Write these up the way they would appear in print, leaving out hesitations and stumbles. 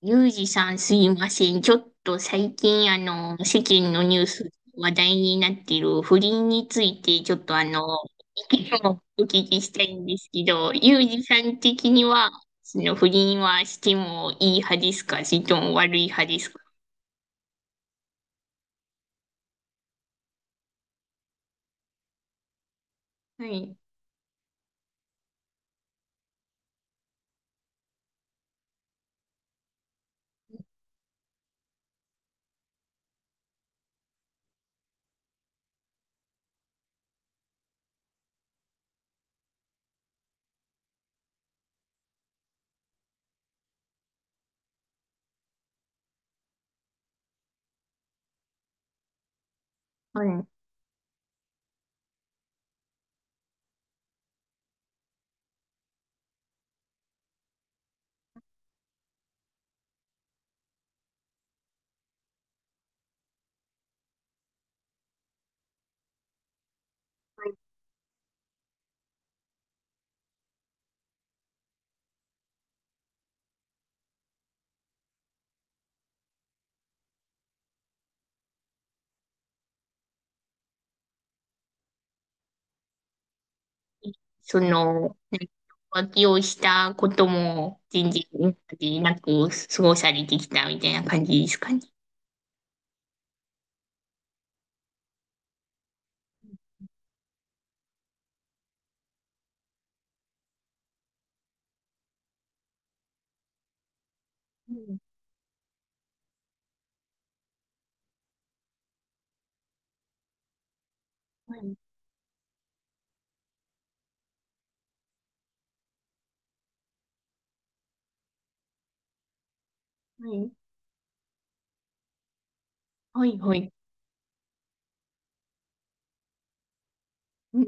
ゆうじさんすいません。ちょっと最近世間のニュース話題になっている不倫についてちょっと、意見をお聞きしたいんですけど、ゆうじさん的には、その不倫はしてもいい派ですか、それとも悪い派ですか？はい。はい。その、なんか浮気をしたことも全然今までなく過ごされてきたみたいな感じですかね？うん。はい。はい。はい。はい。はい。うん。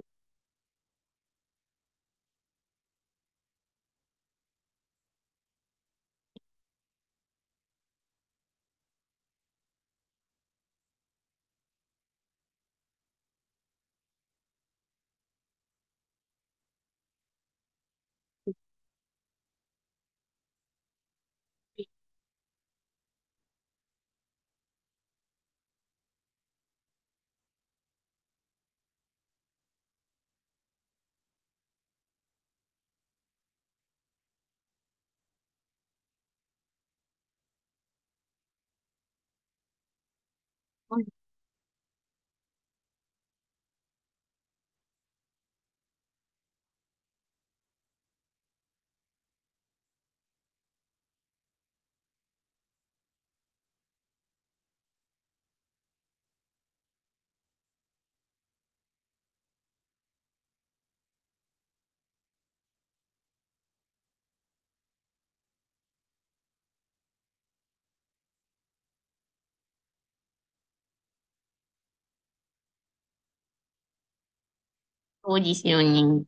そうですよね。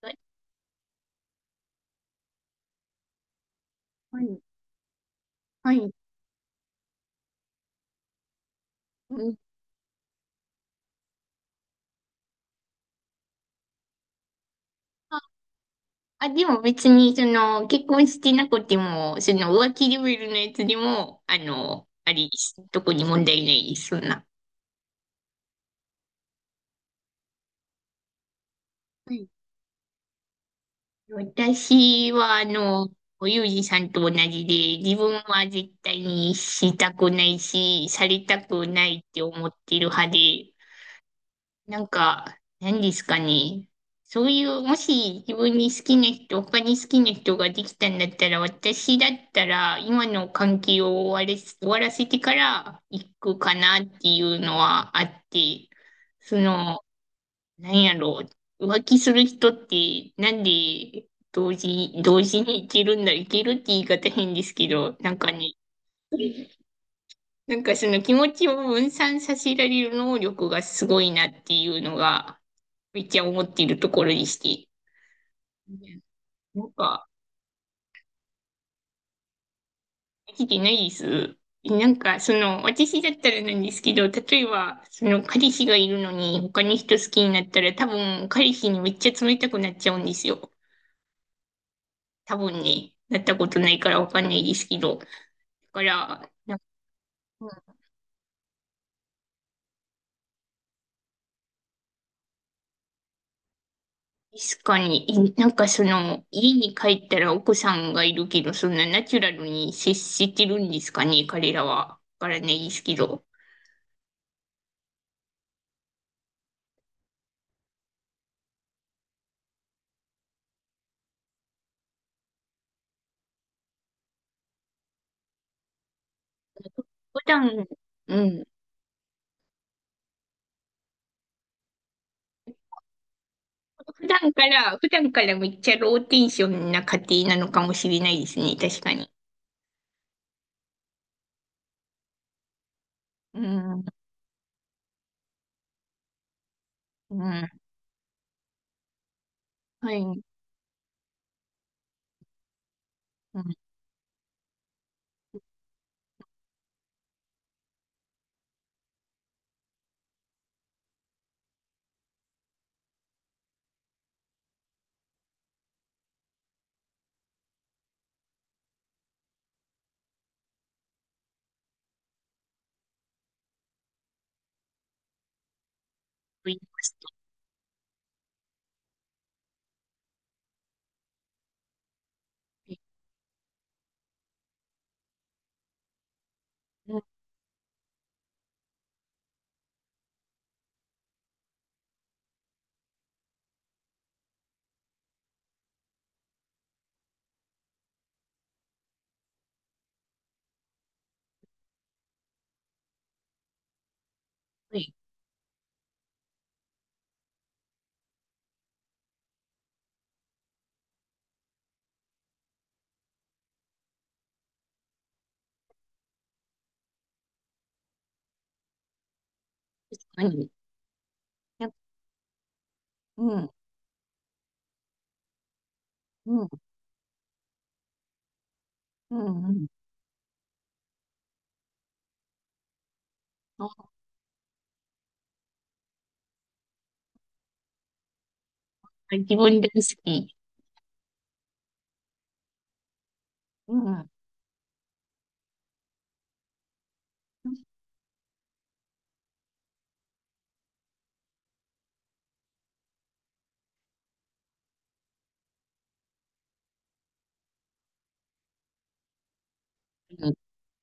はい。はい。うん。あ、あでも別に、その、結婚してなくても、その、浮気レベルのやつでも、あの、あれです。特に問題ないです、そんな。はい。私は、あの、ユージさんと同じで、自分は絶対にしたくないし、されたくないって思ってる派で、なんか、何ですかね。そういう、もし自分に好きな人、他に好きな人ができたんだったら、私だったら、今の関係を終われ、終わらせてから行くかなっていうのはあって、その、何やろう、浮気する人って、なんで同時、同時に行けるんだ、行けるって言い方変ですけど、なんかね、なんかその気持ちを分散させられる能力がすごいなっていうのが、めっちゃ思っているところでして。なんか、できてないです。なんか、その、私だったらなんですけど、例えば、その、彼氏がいるのに、他の人好きになったら、多分、彼氏にめっちゃ冷たくなっちゃうんですよ。多分ね、なったことないからわかんないですけど。だから、なんか、うん。確かに、え、なんかその、家に帰ったら奥さんがいるけど、そんなナチュラルに接してるんですかね、彼らは。わからないですけど。普段、うん、普段から、普段からめっちゃローテンションな家庭なのかもしれないですね。確かに。うん。うん。はい。うん。と言いました。うん。はい。確かに。なんか。うん。うん。うん。うん。あ、自分大好き。うん。確かに。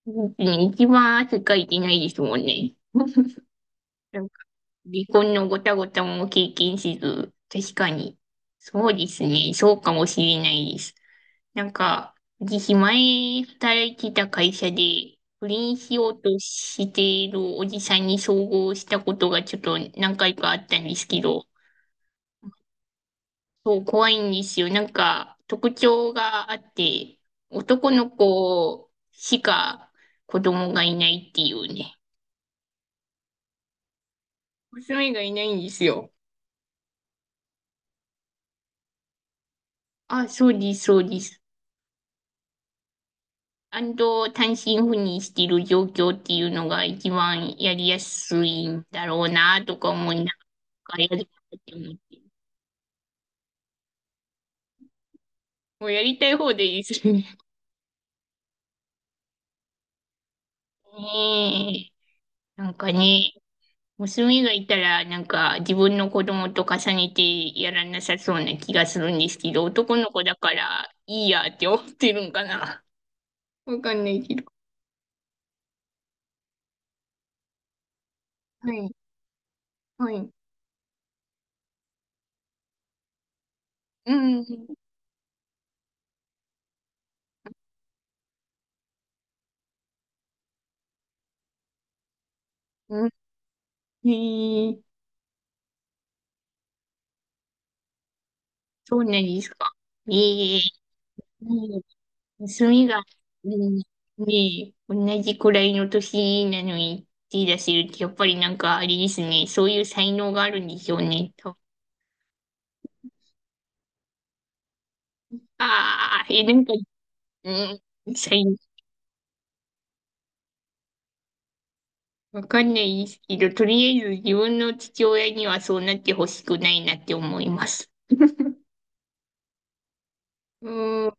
うん。うん、一番汗かいてないですもんね。なんか、離婚のごたごたも経験せず、確かに。そうですね。そうかもしれないです。なんか、私前働いてた会社で、不倫しようとしているおじさんに遭遇したことがちょっと何回かあったんですけど、そう、怖いんですよ。なんか、特徴があって、男の子しか子供がいないっていうね。娘がいないんですよ。あ、そうです、そうです。安藤単身赴任している状況っていうのが一番やりやすいんだろうなとか思いながらやりたいって思ってる。もうやりたい方でいいですね。ねえ。なんかね、娘がいたらなんか自分の子供と重ねてやらなさそうな気がするんですけど、男の子だからいいやって思ってるんかな。わかんないけど。はい。はい。うん。うん。へえ、そうなんですか？ええ。うん。娘が、うん。ねえ、同じくらいの年なのに手出せるって、やっぱりなんかあれですね、そういう才能があるんでしょうね、多分。ああ、え、なんか、うん、才能、わかんないですけど、とりあえず自分の父親にはそうなってほしくないなって思います。うん、うん、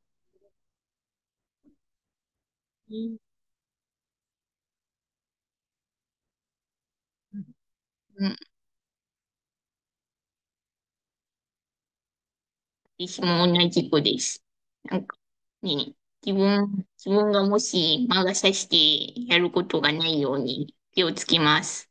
私も同じ子です。なんかね、自分、自分がもし魔が差してやることがないように気をつけます。